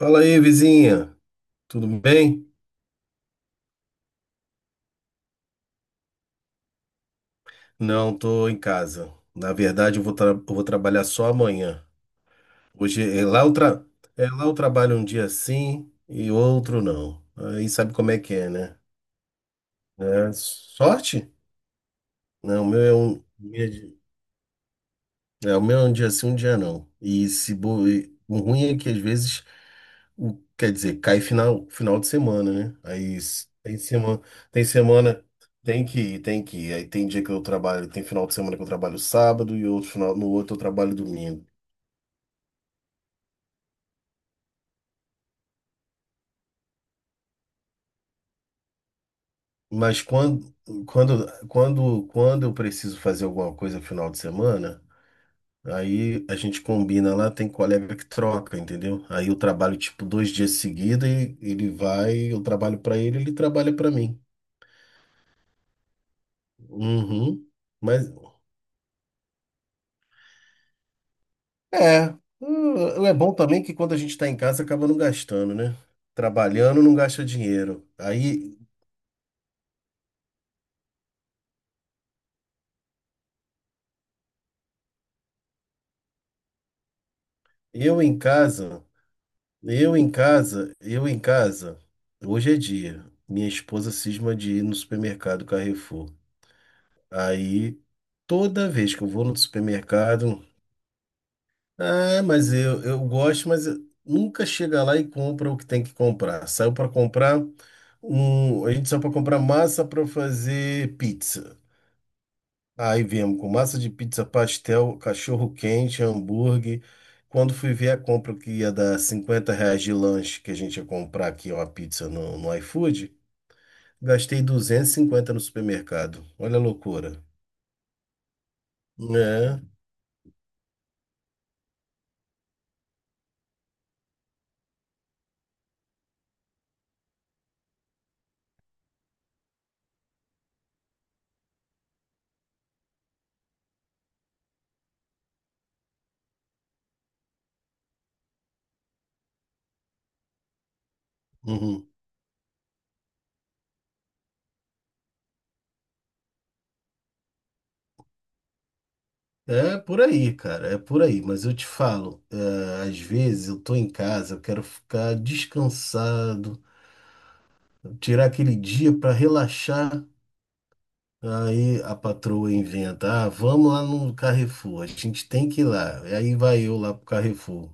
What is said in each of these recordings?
Fala aí, vizinha. Tudo bem? Não, tô em casa. Na verdade, eu vou, eu vou trabalhar só amanhã. Hoje é lá eu trabalho um dia sim e outro não. Aí sabe como é que é, né? É, sorte? Não, o meu é um dia sim, um dia não. E se bo... e o ruim é que às vezes quer dizer, cai final de semana, né? Aí, tem semana, tem que ir, tem que ir. Aí tem dia que eu trabalho, tem final de semana que eu trabalho sábado e outro final, no outro eu trabalho domingo. Mas quando eu preciso fazer alguma coisa final de semana, aí a gente combina lá, tem colega que troca, entendeu? Aí eu trabalho tipo dois dias seguidos e ele vai, eu trabalho para ele, ele trabalha para mim. Uhum. Mas, é, é bom também que quando a gente está em casa acaba não gastando, né? Trabalhando não gasta dinheiro. Aí eu em casa, eu em casa, eu em casa Hoje é dia. Minha esposa cisma de ir no supermercado Carrefour. Aí toda vez que eu vou no supermercado, ah, mas eu gosto, nunca chega lá e compra o que tem que comprar. Saiu para comprar um, a gente saiu para comprar massa para fazer pizza. Aí viemos com massa de pizza, pastel, cachorro quente, hambúrguer. Quando fui ver a compra que ia dar R$ 50 de lanche, que a gente ia comprar aqui uma pizza no iFood, gastei 250 no supermercado. Olha a loucura. É. Uhum. É por aí, cara, é por aí. Mas eu te falo, às vezes eu tô em casa, eu quero ficar descansado, tirar aquele dia para relaxar. Aí a patroa inventa, ah, vamos lá no Carrefour, a gente tem que ir lá. E aí vai eu lá pro Carrefour.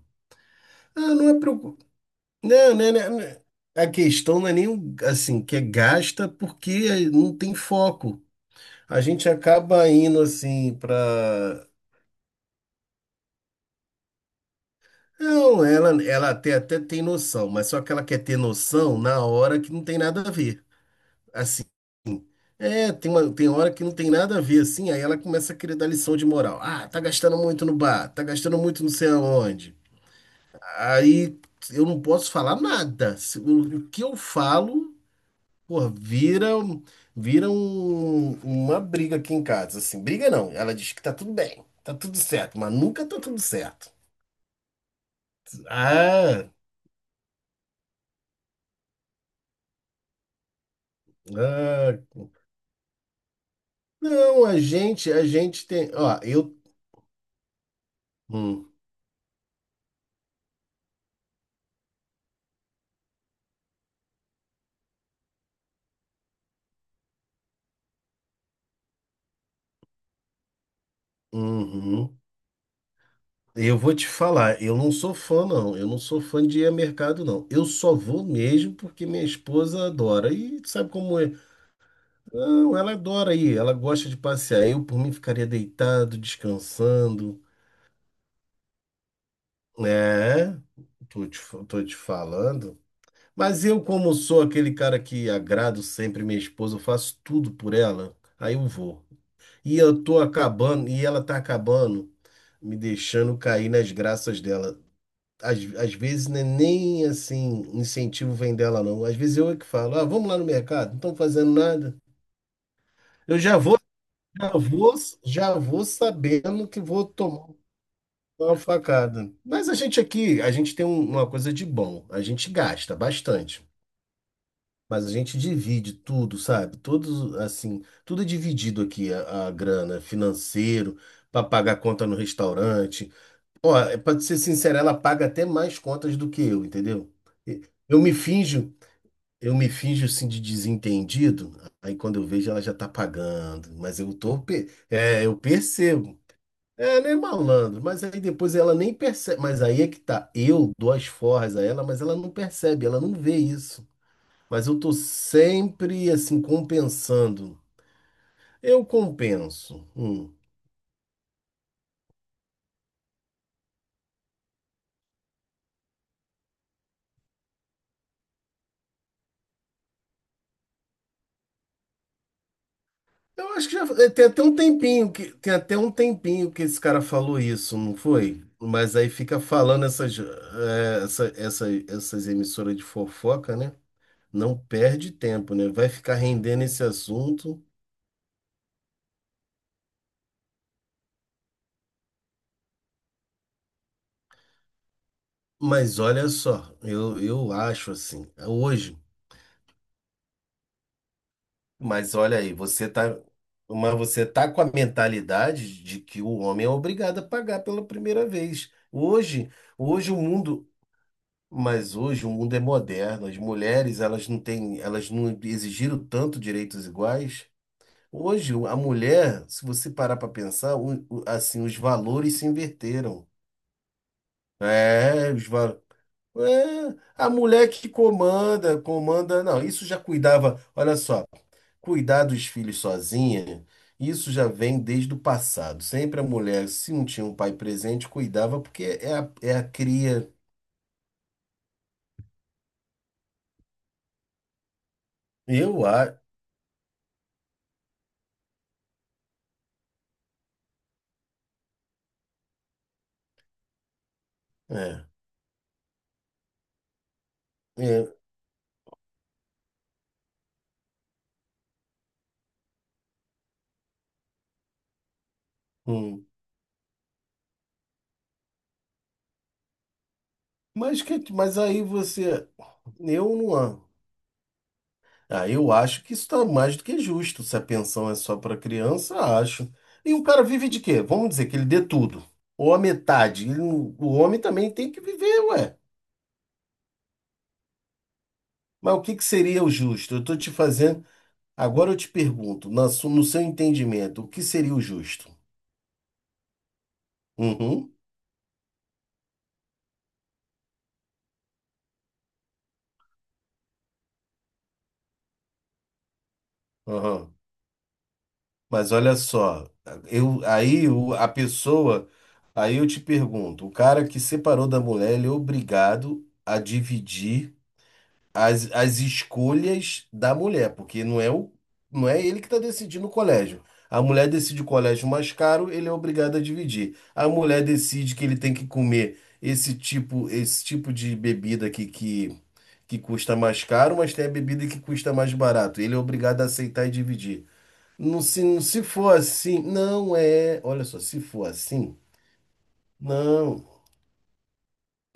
Ah, não é preocup... Não, né, né, né. A questão não é nem assim, que é gasta porque é, não tem foco. A gente acaba indo assim pra. Não, ela até tem noção, mas só que ela quer ter noção na hora que não tem nada a ver. Assim, tem hora que não tem nada a ver, assim, aí ela começa a querer dar lição de moral. Ah, tá gastando muito no bar, tá gastando muito não sei aonde. Aí eu não posso falar nada. O que eu falo, porra, vira uma briga aqui em casa, assim. Briga não, ela diz que tá tudo bem, tá tudo certo, mas nunca tá tudo certo. Ah, ah. Não, a gente tem, ó, eu... Hum. Uhum. Eu vou te falar, eu não sou fã, não. Eu não sou fã de ir a mercado, não. Eu só vou mesmo porque minha esposa adora. E sabe como é? Não, ela adora ir, ela gosta de passear. Eu, por mim, ficaria deitado, descansando. É, tô te falando. Mas eu, como sou aquele cara que agrado sempre minha esposa, eu faço tudo por ela, aí eu vou. E eu tô acabando, e ela tá acabando, me deixando cair nas graças dela. Às vezes não é nem assim, incentivo vem dela, não. Às vezes eu é que falo, ah, vamos lá no mercado, não estão fazendo nada. Eu já vou, já vou, já vou sabendo que vou tomar uma facada. Mas a gente aqui, a gente tem uma coisa de bom, a gente gasta bastante. Mas a gente divide tudo, sabe? Todos, assim, tudo é dividido aqui, a grana, financeiro, para pagar conta no restaurante. Ó, é, pra te ser sincero, ela paga até mais contas do que eu, entendeu? E- Eu me finjo, eu me finjo assim de desentendido, aí quando eu vejo ela já tá pagando, mas eu percebo. É, ela é malandro, mas aí depois ela nem percebe, mas aí é que tá, eu dou as forras a ela, mas ela não percebe, ela não vê isso. Mas eu tô sempre assim compensando. Eu compenso. Hum. Eu acho que já, tem até um tempinho que esse cara falou isso, não foi? Mas aí fica falando essas eh, essa- essas emissoras de fofoca, né? Não perde tempo, né? Vai ficar rendendo esse assunto. Mas olha só, eu acho assim, é hoje, mas olha aí, você tá, mas você tá com a mentalidade de que o homem é obrigado a pagar pela primeira vez. Hoje, hoje o mundo Mas hoje o mundo é moderno, as mulheres elas não exigiram tanto direitos iguais. Hoje a mulher, se você parar para pensar, assim os valores se inverteram. É, a mulher que comanda, comanda, não, isso já cuidava, olha só, cuidar dos filhos sozinha, isso já vem desde o passado. Sempre a mulher, se não tinha um pai presente, cuidava porque é a cria. Eu acho. É, é. Hum. Mas aí você. Eu não. Ah, eu acho que isso está mais do que justo. Se a pensão é só para criança, acho. E o cara vive de quê? Vamos dizer que ele dê tudo. Ou a metade. Ele não- o homem também tem que viver, ué. Mas o que, que seria o justo? Eu estou te fazendo. Agora eu te pergunto, no seu entendimento, o que seria o justo? Uhum. Aham. Mas olha só, eu, aí o- a pessoa, aí eu te pergunto, o cara que separou da mulher, ele é obrigado a dividir as escolhas da mulher, porque não é o, não é ele que está decidindo o colégio. A mulher decide o colégio mais caro, ele é obrigado a dividir. A mulher decide que ele tem que comer esse tipo de bebida aqui que custa mais caro, mas tem a bebida que custa mais barato. Ele é obrigado a aceitar e dividir. Não, se for assim, não é. Olha só, se for assim, não.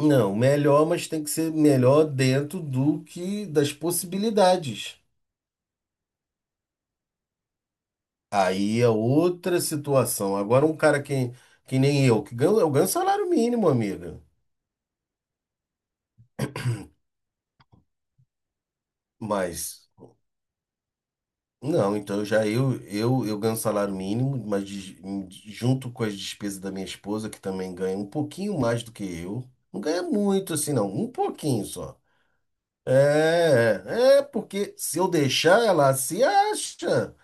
Não, melhor, mas tem que ser melhor dentro do que das possibilidades. Aí é outra situação. Agora, um cara que nem eu, eu ganho salário mínimo, amiga. Mas, não, então já eu ganho salário mínimo, mas junto com as despesas da minha esposa, que também ganha um pouquinho mais do que eu. Não ganha muito assim, não, um pouquinho só. É porque se eu deixar ela se acha,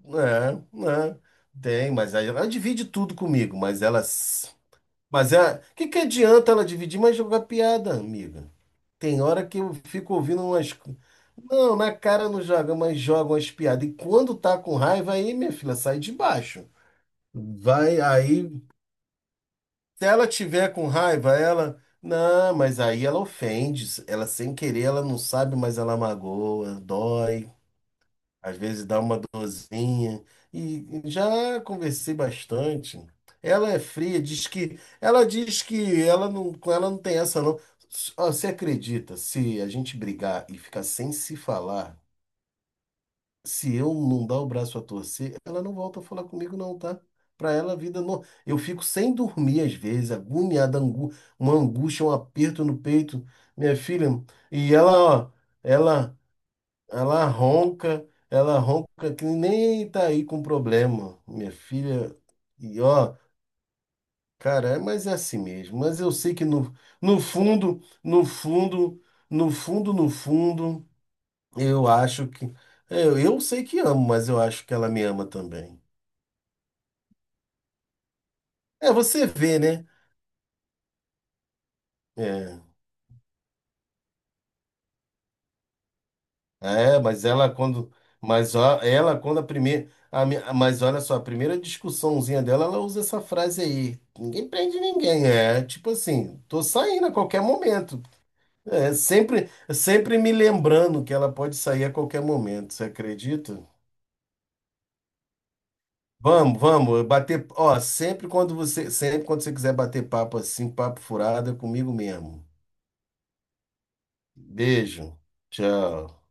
né, né, tem, mas aí ela divide tudo comigo, mas mas é, que adianta ela dividir, mas jogar piada, amiga? Tem hora que eu fico ouvindo não, na cara não joga, mas joga umas piadas, e quando tá com raiva, aí minha filha sai de baixo, vai, aí, se ela tiver com raiva, ela, não, mas aí ela ofende, ela sem querer, ela não sabe, mas ela magoa, dói. Às vezes dá uma dorzinha. E já conversei bastante. Ela é fria, diz que ela não, com ela não tem essa não. Ó, você acredita, se a gente brigar e ficar sem se falar, se eu não dar o braço a torcer, ela não volta a falar comigo não, tá? Pra ela a vida não. Eu fico sem dormir às vezes, agoniada, uma angústia, um aperto no peito, minha filha. E ela, ó, ela ela ronca, ela ronca que nem tá aí com problema, minha filha. E ó, cara, mas é assim mesmo. Mas eu sei que no fundo, no fundo, no fundo, no fundo, eu acho que. Eu sei que amo, mas eu acho que ela me ama também. É, você vê, né? É. É, mas ela quando, mas ó, ela quando a primeira, a mi- mas olha só, a primeira discussãozinha dela, ela usa essa frase aí. Ninguém prende ninguém, é tipo assim, tô saindo a qualquer momento. É sempre me lembrando que ela pode sair a qualquer momento, você acredita? Vamos, bater, ó, sempre quando você quiser bater papo assim, papo furado, é comigo mesmo. Beijo. Tchau.